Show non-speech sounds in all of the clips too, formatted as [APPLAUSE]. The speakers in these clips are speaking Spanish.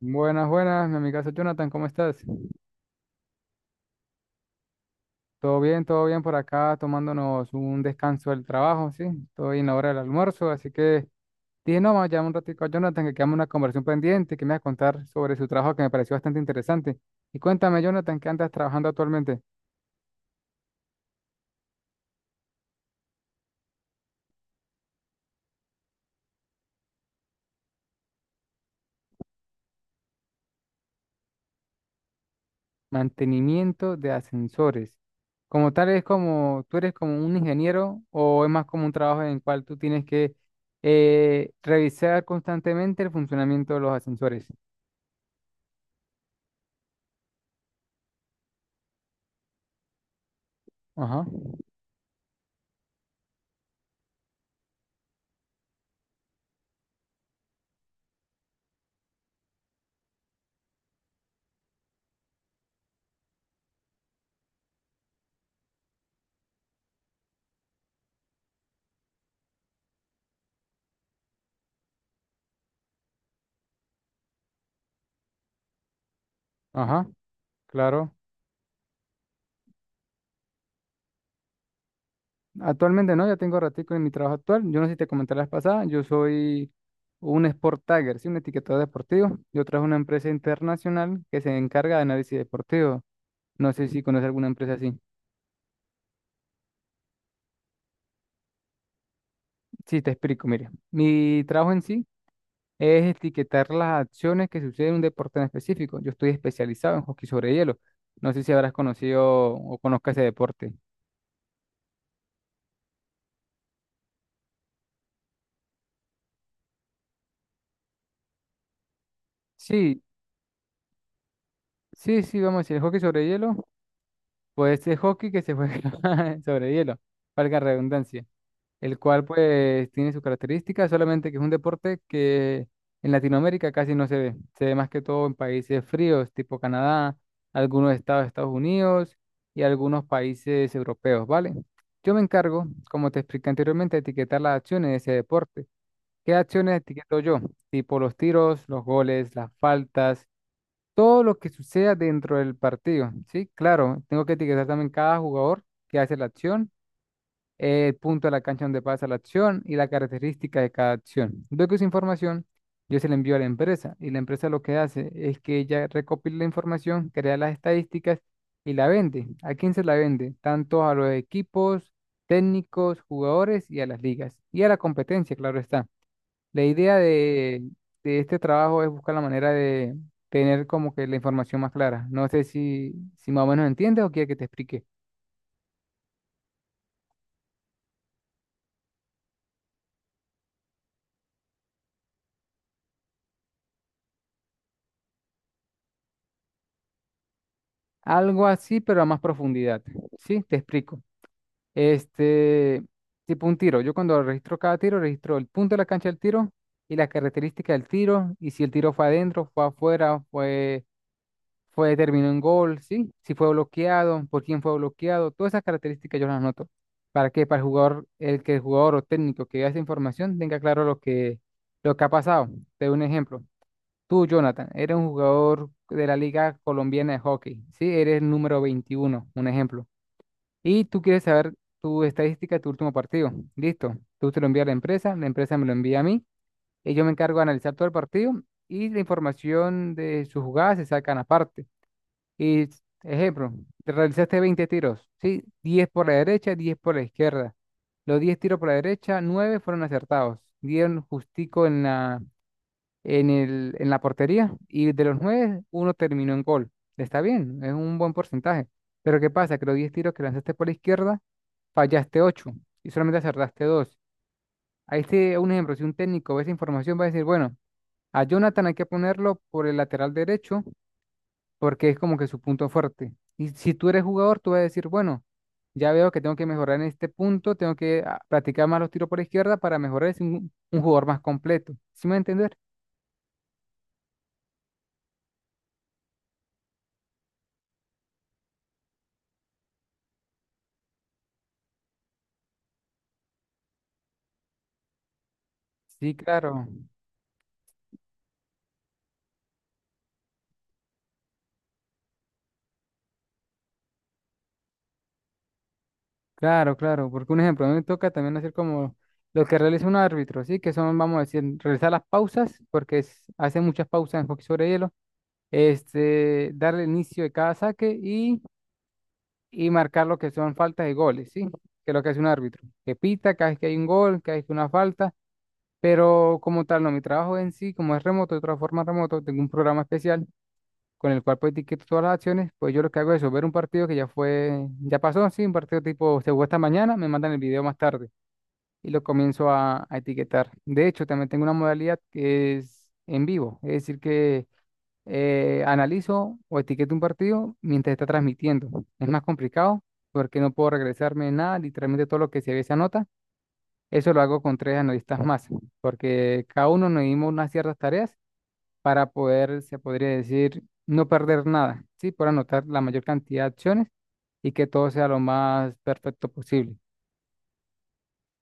Buenas, buenas, mi amigazo Jonathan, ¿cómo estás? Todo bien por acá, tomándonos un descanso del trabajo, ¿sí? Estoy en la hora del almuerzo, así que dije, no, vamos a llamar un ratico a Jonathan, que quedamos una conversación pendiente, que me va a contar sobre su trabajo que me pareció bastante interesante. Y cuéntame, Jonathan, ¿qué andas trabajando actualmente? Mantenimiento de ascensores. Como tal, es como, ¿tú eres como un ingeniero o es más como un trabajo en el cual tú tienes que revisar constantemente el funcionamiento de los ascensores? Ajá, ajá. Claro, actualmente no, ya tengo ratico en mi trabajo actual. Yo no sé si te comenté la vez pasada, yo soy un sport tagger, sí, un etiquetador deportivo. Yo trabajo en una empresa internacional que se encarga de análisis deportivo. No sé si conoces alguna empresa así. Sí, te explico, mire. Mi trabajo en sí es etiquetar las acciones que suceden en un deporte en específico. Yo estoy especializado en hockey sobre hielo. No sé si habrás conocido o conozcas ese deporte. Sí, sí, sí, vamos a decir, el hockey sobre hielo. Pues es hockey que se juega [LAUGHS] sobre hielo, valga la redundancia, el cual pues tiene sus características, solamente que es un deporte que en Latinoamérica casi no se ve, se ve más que todo en países fríos, tipo Canadá, algunos estados de Estados Unidos y algunos países europeos, ¿vale? Yo me encargo, como te expliqué anteriormente, de etiquetar las acciones de ese deporte. ¿Qué acciones etiqueto yo? Tipo los tiros, los goles, las faltas, todo lo que suceda dentro del partido, ¿sí? Claro, tengo que etiquetar también cada jugador que hace la acción, el punto de la cancha donde pasa la acción y la característica de cada acción. Luego esa información yo se la envío a la empresa y la empresa lo que hace es que ella recopila la información, crea las estadísticas y la vende. ¿A quién se la vende? Tanto a los equipos, técnicos, jugadores y a las ligas y a la competencia, claro está. La idea de este trabajo es buscar la manera de tener como que la información más clara. No sé si más o menos entiendes o quieres que te explique. Algo así, pero a más profundidad. Sí, te explico. Este, tipo un tiro. Yo cuando registro cada tiro, registro el punto de la cancha del tiro y las características del tiro, y si el tiro fue adentro, fue afuera, fue, determinó en gol, ¿sí? Si fue bloqueado, por quién fue bloqueado, todas esas características yo las anoto. ¿Para qué? Para el jugador, el jugador o técnico que vea esa información tenga claro lo que ha pasado. Te doy un ejemplo. Tú, Jonathan, eres un jugador de la Liga Colombiana de Hockey, ¿sí? Eres el número 21, un ejemplo. Y tú quieres saber tu estadística de tu último partido. Listo. Tú te lo envías a la empresa me lo envía a mí, y yo me encargo de analizar todo el partido y la información de sus jugadas se sacan aparte. Y, ejemplo, te realizaste 20 tiros, ¿sí? 10 por la derecha, 10 por la izquierda. Los 10 tiros por la derecha, 9 fueron acertados. Dieron justico en la, en la portería, y de los 9 uno terminó en gol. Está bien, es un buen porcentaje. Pero ¿qué pasa? Que los 10 tiros que lanzaste por la izquierda, fallaste 8 y solamente acertaste dos. Ahí te un ejemplo, si un técnico ve esa información va a decir, bueno, a Jonathan hay que ponerlo por el lateral derecho porque es como que su punto fuerte. Y si tú eres jugador, tú vas a decir, bueno, ya veo que tengo que mejorar en este punto, tengo que practicar más los tiros por izquierda para mejorar y ser un jugador más completo. ¿Sí me va a entender? Sí, claro, claro, claro, porque un ejemplo, a mí me toca también hacer como lo que realiza un árbitro, ¿sí? Que son, vamos a decir, realizar las pausas, porque hace muchas pausas en hockey sobre hielo, este, darle inicio de cada saque y marcar lo que son faltas y goles, ¿sí? Que es lo que hace un árbitro, que pita cada vez que hay un gol, cada vez que hay una falta, pero como tal, no, mi trabajo en sí, como es remoto, de otra forma remoto, tengo un programa especial con el cual pues etiqueto todas las acciones. Pues yo lo que hago es eso, ver un partido que ya fue, ya pasó, sí, un partido tipo se jugó esta mañana, me mandan el video más tarde y lo comienzo a etiquetar. De hecho, también tengo una modalidad que es en vivo, es decir que analizo o etiqueto un partido mientras está transmitiendo. Es más complicado porque no puedo regresarme nada, literalmente todo lo que se ve se anota. Eso lo hago con tres analistas más, porque cada uno nos dimos unas ciertas tareas para poder, se podría decir, no perder nada, ¿sí? Por anotar la mayor cantidad de acciones y que todo sea lo más perfecto posible.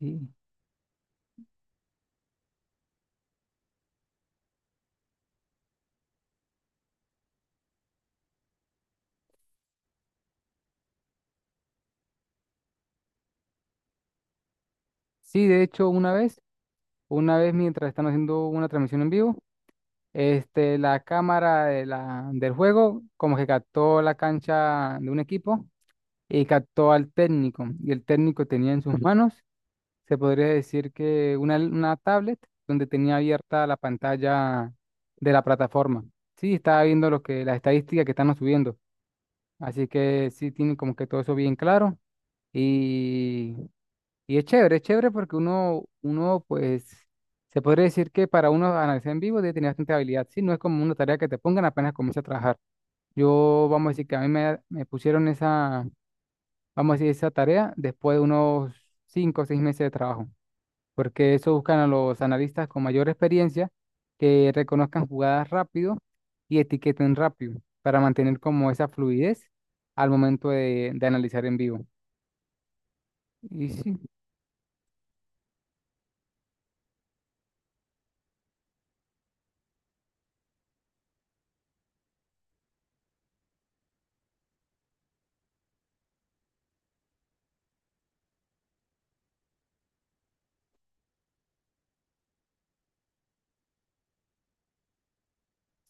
¿Sí? Sí, de hecho, una vez mientras están haciendo una transmisión en vivo, este, la cámara del juego como que captó la cancha de un equipo y captó al técnico. Y el técnico tenía en sus manos, se podría decir que una tablet donde tenía abierta la pantalla de la plataforma. Sí, estaba viendo lo que, las estadísticas que están subiendo. Así que sí, tiene como que todo eso bien claro. Y y es chévere porque uno, pues, se podría decir que para uno analizar en vivo debe tener bastante habilidad, ¿sí? No es como una tarea que te pongan apenas comienza a trabajar. Yo, vamos a decir que a mí me pusieron esa, vamos a decir, esa tarea después de unos 5 o 6 meses de trabajo, porque eso buscan a los analistas con mayor experiencia que reconozcan jugadas rápido y etiqueten rápido para mantener como esa fluidez al momento de analizar en vivo. Y sí,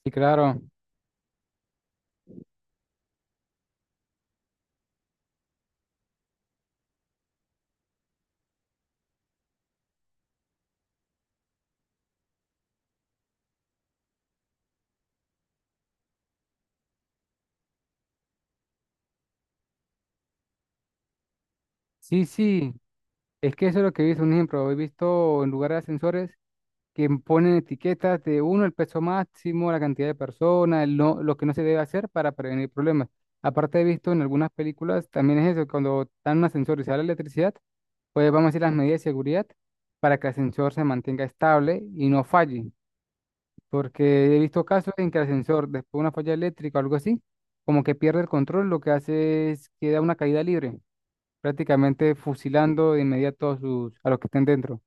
sí, claro. Sí, sí, es que eso es lo que he visto, un ejemplo, he visto en lugares de ascensores que ponen etiquetas de uno, el peso máximo, la cantidad de personas, el no- lo que no se debe hacer para prevenir problemas. Aparte he visto en algunas películas, también es eso, cuando dan un ascensor y se da la electricidad, pues vamos a decir las medidas de seguridad para que el ascensor se mantenga estable y no falle, porque he visto casos en que el ascensor, después de una falla eléctrica o algo así, como que pierde el control, lo que hace es que da una caída libre, prácticamente fusilando de inmediato a los que estén dentro.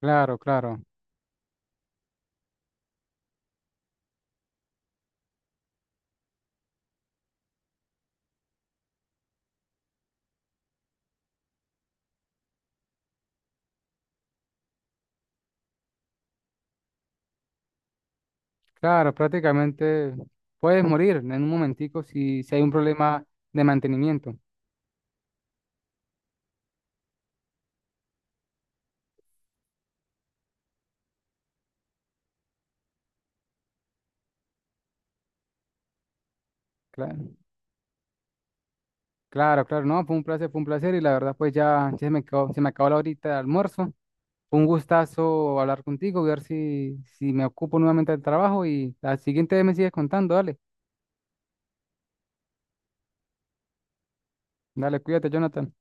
Claro, claro, claro, prácticamente puedes morir en un momentico si hay un problema de mantenimiento. Claro, claro, claro, no, fue un placer, fue un placer, y la verdad pues ya, ya se me acabó la horita de almuerzo. Fue un gustazo hablar contigo, ver si me ocupo nuevamente del trabajo y la siguiente vez me sigues contando, dale, dale, cuídate, Jonathan.